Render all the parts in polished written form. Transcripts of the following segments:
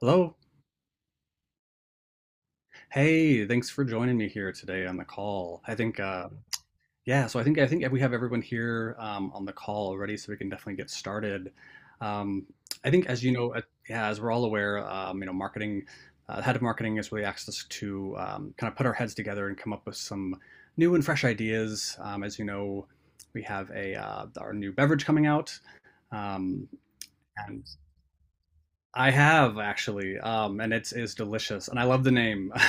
Hello. Hey, thanks for joining me here today on the call. I think, yeah, so I think we have everyone here on the call already, so we can definitely get started. Um, I think, as you know, yeah, as we're all aware, you know, marketing, head of marketing has really asked us to kind of put our heads together and come up with some new and fresh ideas. As you know, we have a our new beverage coming out, um, and I have actually, and it's is delicious, and I love the name.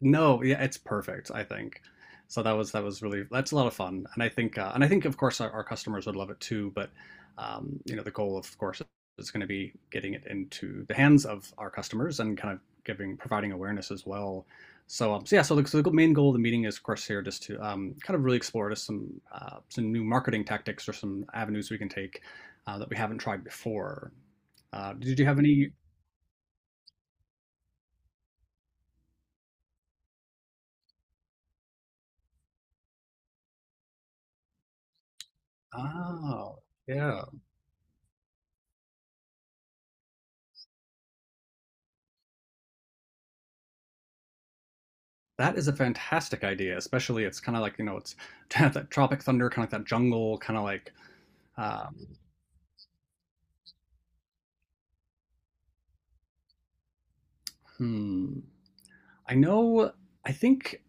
No, yeah, it's perfect, I think. So that was really that's a lot of fun, and I think of course our customers would love it too. But you know the goal of course is going to be getting it into the hands of our customers and kind of giving providing awareness as well. So, so yeah, so the main goal of the meeting is of course here just to kind of really explore just some new marketing tactics or some avenues we can take that we haven't tried before. Did you have any? Oh, yeah. That is a fantastic idea, especially it's kind of like, you know, it's to have that Tropic Thunder, kind of like that jungle, kind of like, um, hmm. I know, I think,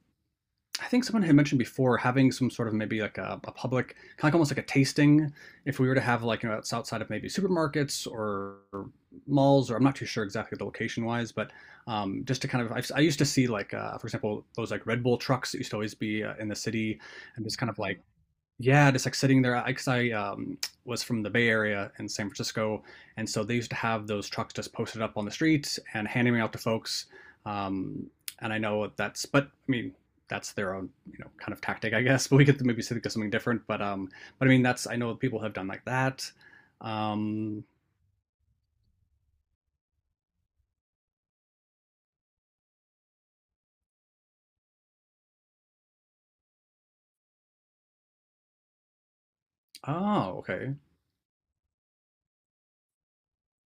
I think someone had mentioned before having some sort of maybe like a public, kind of like almost like a tasting. If we were to have like, you know, it's outside of maybe supermarkets or malls, or I'm not too sure exactly the location wise, but just to kind of, I used to see like, for example, those like Red Bull trucks that used to always be in the city and just kind of like, yeah, just like sitting there, because I, um, was from the Bay Area in San Francisco, and so they used to have those trucks just posted up on the streets and handing them out to folks. Um, and I know that's, but I mean, that's their own, you know, kind of tactic, I guess. But we could maybe think of something different. But I mean, that's I know people have done like that. Um, oh, okay.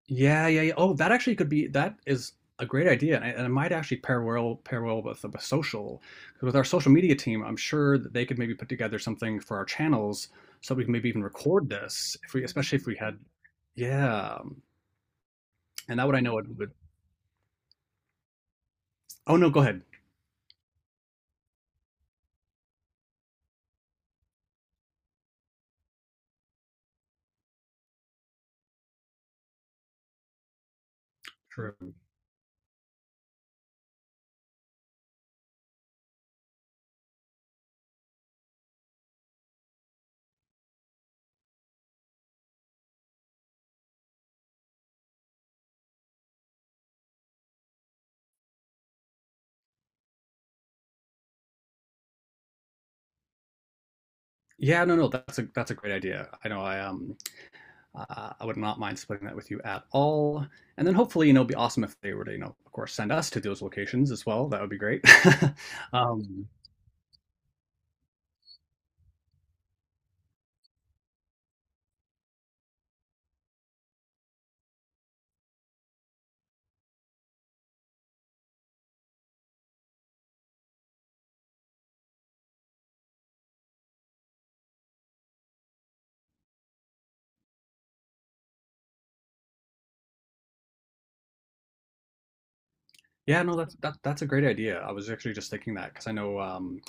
Yeah, yeah, yeah. Oh, that actually could be that is a great idea, and, I- and it might actually pair well with the social 'cause with our social media team. I'm sure that they could maybe put together something for our channels so we can maybe even record this if we, especially if we had, yeah. And that would I know it would. Oh no, go ahead. True. Yeah, no, no, that's a great idea. I know I would not mind splitting that with you at all. And then hopefully, you know, it'd be awesome if they were to, you know, of course, send us to those locations as well. That would be great. Um, yeah, no, that's that, that's a great idea. I was actually just thinking that because I know,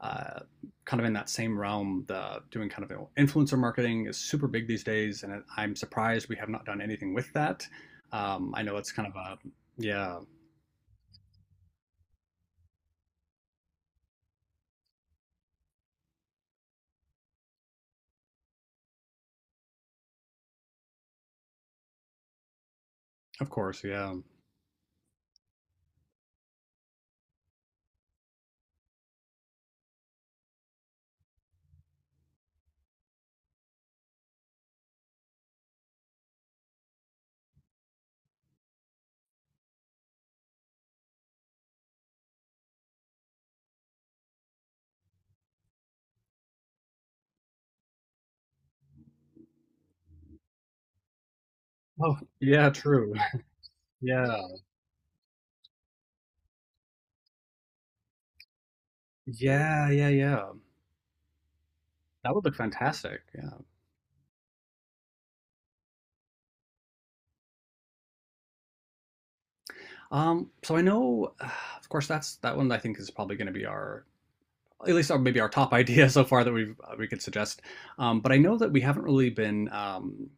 uh, kind of in that same realm, the doing kind of influencer marketing is super big these days, and I'm surprised we have not done anything with that. I know it's kind of a, yeah, of course, yeah. Oh, yeah, true. Yeah, yeah, yeah, yeah. That would look fantastic. Yeah. So I know, of course, that's that one I think is probably going to be our at least our, maybe our top idea so far that we could suggest. But I know that we haven't really been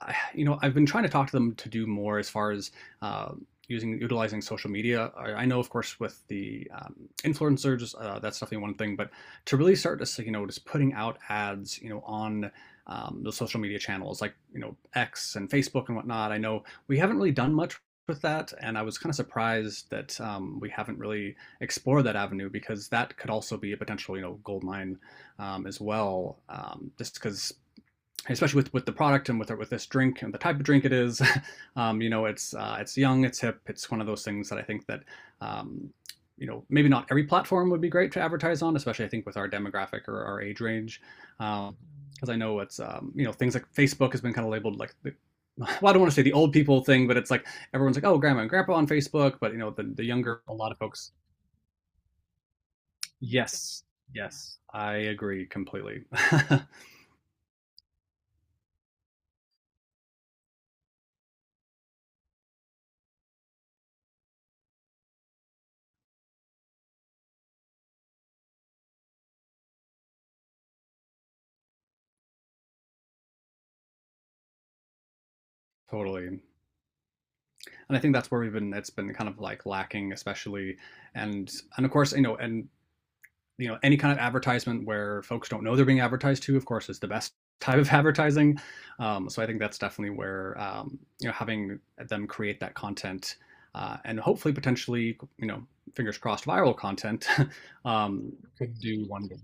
I, you know, I've been trying to talk to them to do more as far as uh, using utilizing social media. I know, of course, with the influencers, that's definitely one thing. But to really start to, you know, just putting out ads, you know, on the social media channels like you know X and Facebook and whatnot. I know we haven't really done much with that, and I was kind of surprised that we haven't really explored that avenue because that could also be a potential you know gold mine as well. Just because especially with the product and with this drink and the type of drink it is, you know, it's young, it's hip, it's one of those things that I think that um, you know maybe not every platform would be great to advertise on, especially I think with our demographic or our age range. Um, because I know it's you know things like Facebook has been kind of labeled like the well, I don't want to say the old people thing, but it's like everyone's like, oh, grandma and grandpa on Facebook, but you know, the younger, a lot of folks. Yes, yes, I agree completely. Totally. And I think that's where we've been. It's been kind of like lacking, especially, and of course, you know, and you know, any kind of advertisement where folks don't know they're being advertised to, of course, is the best type of advertising. So I think that's definitely where you know having them create that content and hopefully potentially you know fingers crossed viral content um, could do wonders.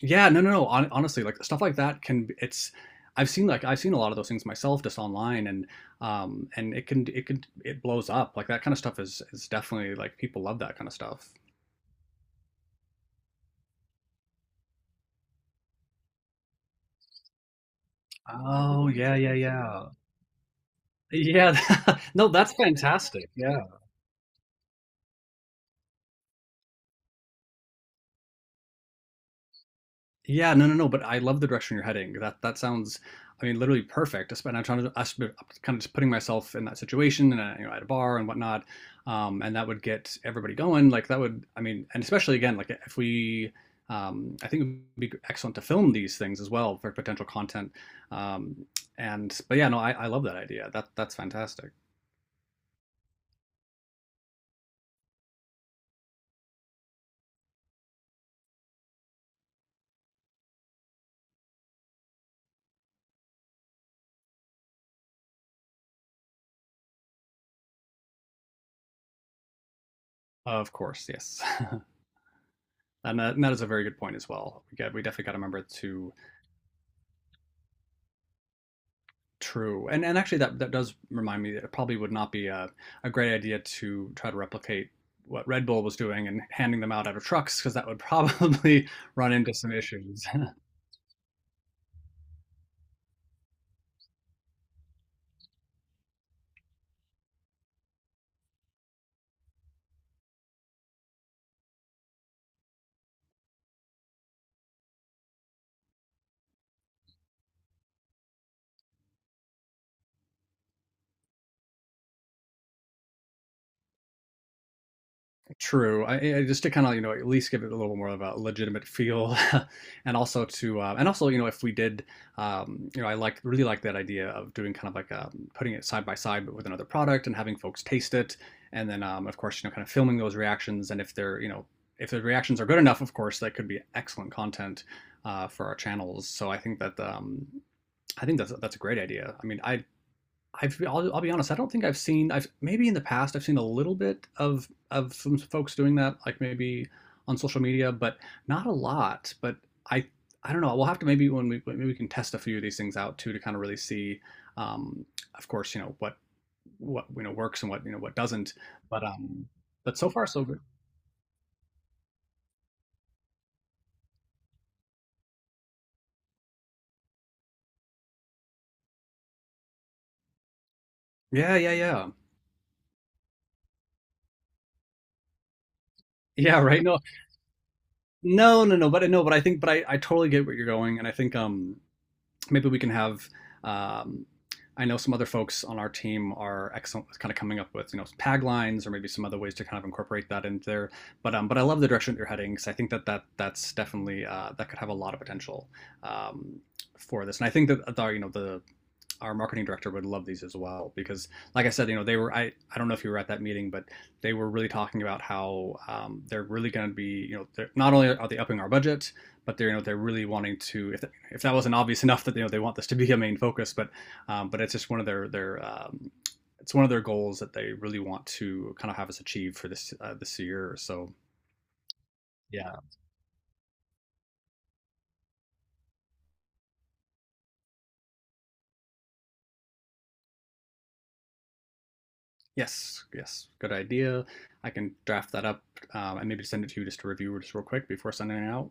Yeah, no, no, no. Hon honestly, like stuff like that can be- it's I've seen a lot of those things myself just online and it blows up. Like that kind of stuff is definitely like people love that kind of stuff. Oh, yeah, yeah, yeah. Yeah. No, that's fantastic. Yeah. Yeah, no, no, no. But I love the direction you're heading. That sounds, I mean, literally perfect. And I'm kind of just putting myself in that situation, and you know, at a bar and whatnot, and that would get everybody going. I mean, and especially again, like if we, I think it would be excellent to film these things as well for potential content. Um, and but yeah, no, I love that idea. That's fantastic. Of course, yes. And that, and that is a very good point as well. We definitely got to remember to true, and actually that that does remind me that it probably would not be a great idea to try to replicate what Red Bull was doing and handing them out out of trucks because that would probably run into some issues. True. I just to kind of, you know, at least give it a little more of a legitimate feel, and also to, and also, you know, if we did, you know, I like really like that idea of doing kind of like putting it side by side with another product and having folks taste it, and then, of course, you know, kind of filming those reactions, and if they're, you know, if the reactions are good enough, of course, that could be excellent content for our channels. So I think that, I think that's a great idea. I mean, I'll be honest. I don't think I've seen. I've maybe in the past I've seen a little bit of some folks doing that, like maybe on social media, but not a lot. But I I don't know. We'll have to maybe when we maybe we can test a few of these things out too to kind of really see. Um, of course, you know what you know works and what you know what doesn't. But um, but so far so good. Yeah, yeah, yeah, yeah. Right. No, no. But no, but I think, but I totally get where you're going, and I think maybe we can have. Um, I know some other folks on our team are excellent with kind of coming up with you know tag lines or maybe some other ways to kind of incorporate that into there. But I love the direction that you're heading because I think that that's definitely that could have a lot of potential um, for this. And I think that the you know the our marketing director would love these as well because, like I said, you know, they were I don't know if you were at that meeting, but they were really talking about how they're really going to be you know they're, not only are they upping our budget, but they're you know they're really wanting to if that wasn't obvious enough that you know they want this to be a main focus, but it's just one of their it's one of their goals that they really want to kind of have us achieve for this this year. Or So yeah, yes, yes, good idea. I can draft that up and maybe send it to you just to review just real quick before sending it out.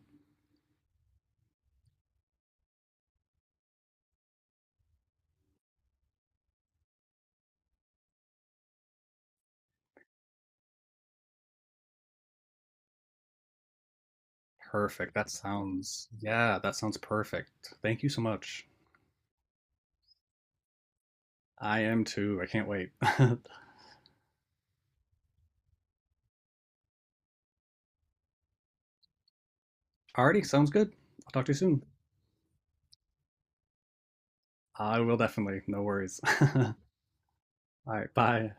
Perfect. That sounds, yeah, that sounds perfect. Thank you so much. I am too. I can't wait. Alrighty, sounds good. I'll talk to you soon. I will definitely. No worries. All right, bye.